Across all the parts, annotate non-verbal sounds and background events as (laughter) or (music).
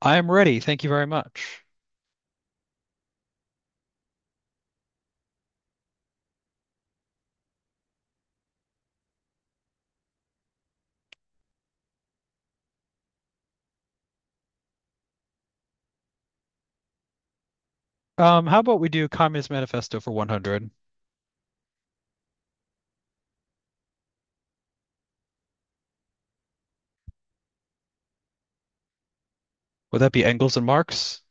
I am ready. Thank you very much. How about we do Communist Manifesto for 100? Would that be Engels and Marx?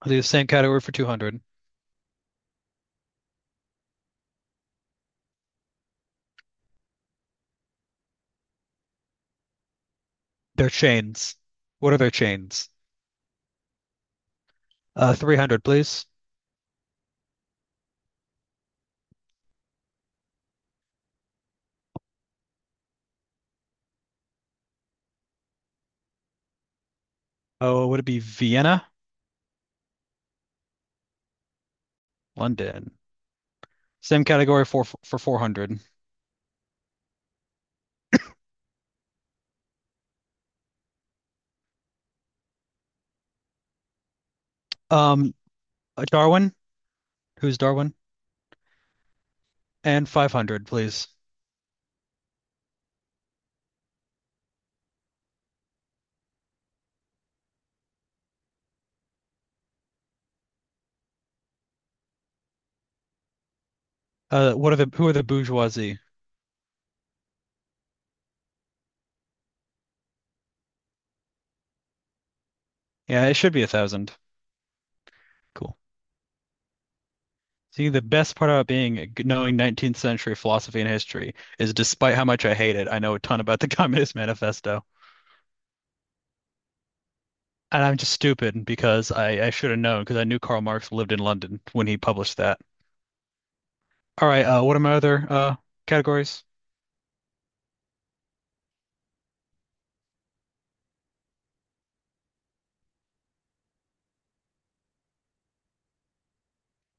I'll do the same category for 200. Their chains. What are their chains? 300, please. Oh, would it be Vienna? London. Same category for 400. Um, Darwin. Who's Darwin? And 500, please. What are the who are the bourgeoisie? Yeah, it should be 1,000. Cool. See, the best part about being knowing 19th century philosophy and history is despite how much I hate it, I know a ton about the (laughs) Communist Manifesto. And I'm just stupid because I should have known because I knew Karl Marx lived in London when he published that. All right, what are my other categories?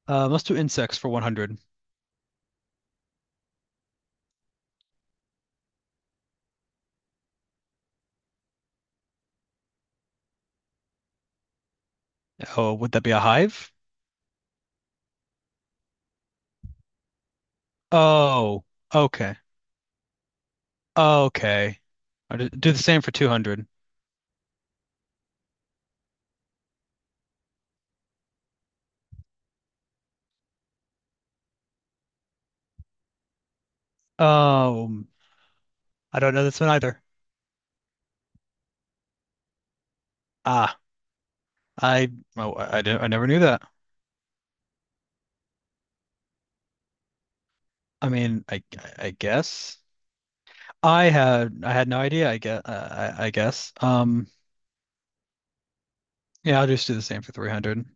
Let's do insects for 100. Oh, would that be a hive? Oh, okay. Okay. Do the same for 200. Um, I don't know this one either. Ah, I, I never knew that. I mean, I guess I had no idea. I guess. Yeah, I'll just do the same for 300.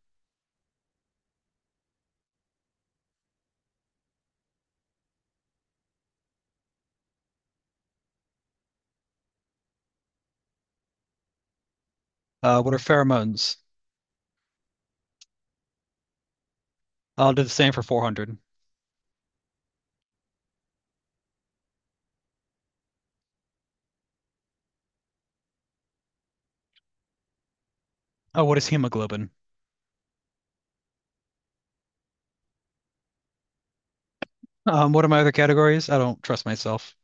What are pheromones? I'll do the same for 400. Oh, what is hemoglobin? What are my other categories? I don't trust myself.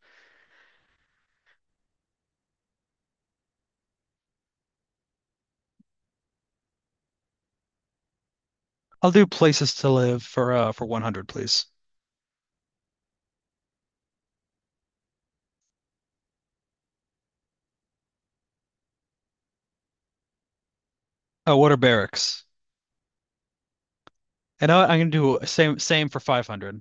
I'll do places to live for for 100, please. Oh, what are barracks? I'm gonna do same for 500.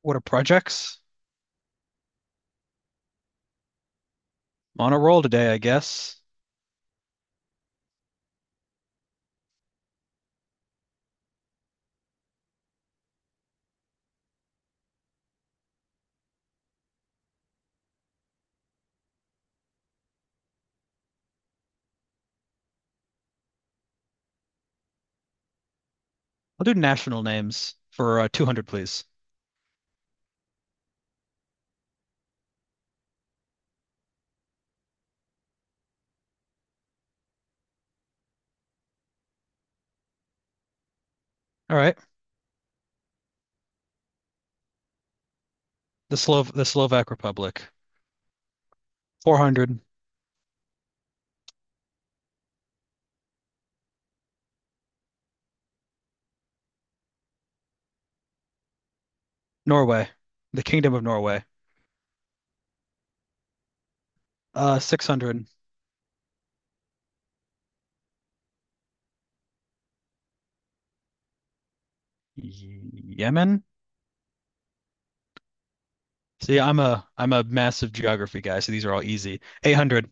What are projects? I'm on a roll today, I guess. I'll do national names for 200, please. All right. The Slovak Republic. 400. Norway, the Kingdom of Norway. 600. Yemen? See, I'm a massive geography guy, so these are all easy. 800,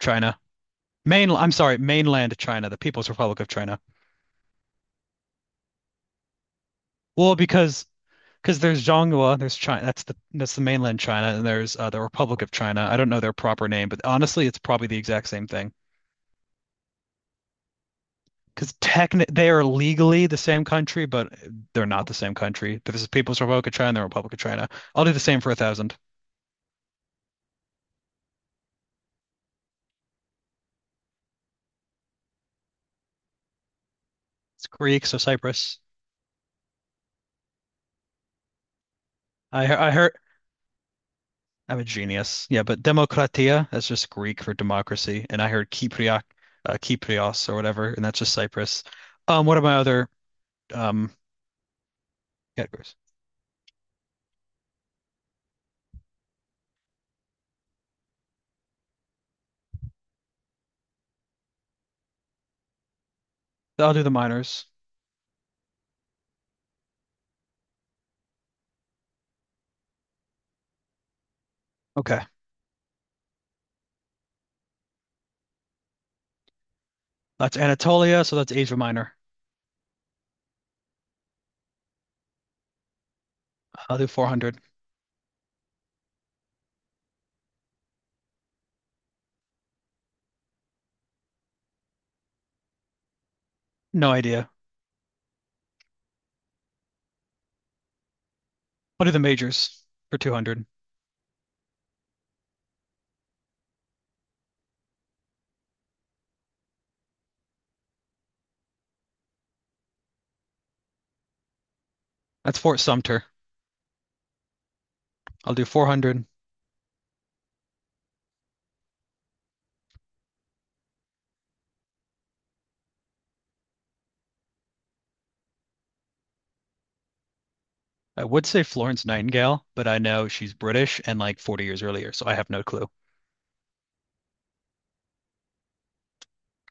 China. I'm sorry, mainland China, the People's Republic of China. Well, because there's Zhonghua, there's China, that's the mainland China, and there's the Republic of China. I don't know their proper name, but honestly, it's probably the exact same thing. Because technically, they are legally the same country, but they're not the same country. There's the People's Republic of China and the Republic of China. I'll do the same for 1,000. It's Greek, so Cyprus. I heard I'm a genius. Yeah, but demokratia, that's just Greek for democracy, and I heard Kypriak, Kyprios or whatever, and that's just Cyprus. What are my other um categories? I'll do the minors. Okay, that's Anatolia, so that's Asia Minor. I'll do 400. No idea. I'll do the majors for 200. That's Fort Sumter. I'll do 400. I would say Florence Nightingale, but I know she's British and like 40 years earlier, so I have no clue.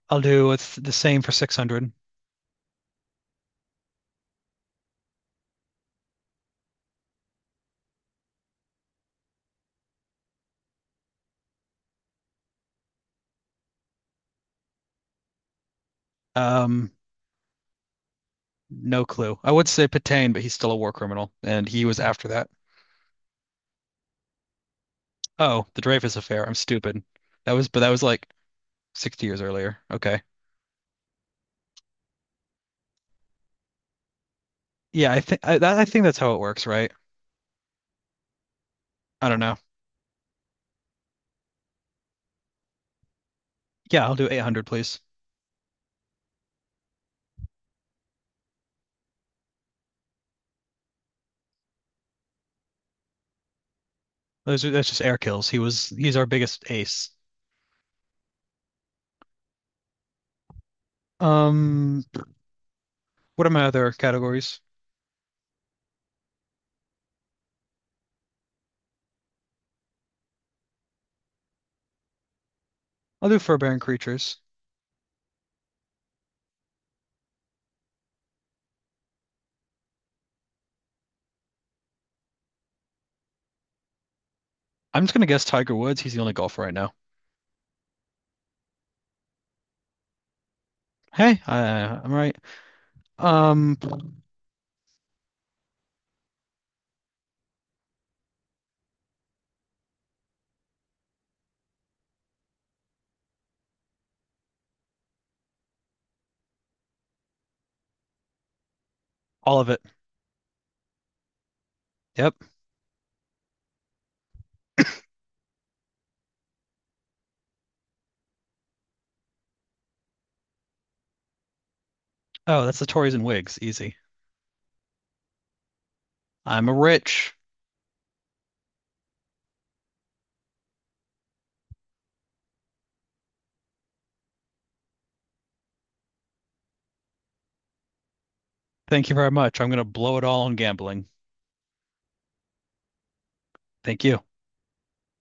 I'll do it's the same for 600. Um, No clue. I would say Petain, but he's still a war criminal, and he was after that. Oh, the Dreyfus Affair. I'm stupid. But that was like 60 years earlier. Okay. Yeah, I think I think that's how it works, right? I don't know. Yeah, I'll do 800, please. Those are that's just air kills. He's our biggest ace. Um, what are my other categories? I'll do fur-bearing creatures. I'm just gonna guess Tiger Woods. He's the only golfer right now. Hey, I, I'm right. Um, all of it. Yep. Oh, that's the Tories and Whigs. Easy. I'm a rich. Thank you very much. I'm going to blow it all on gambling. Thank you.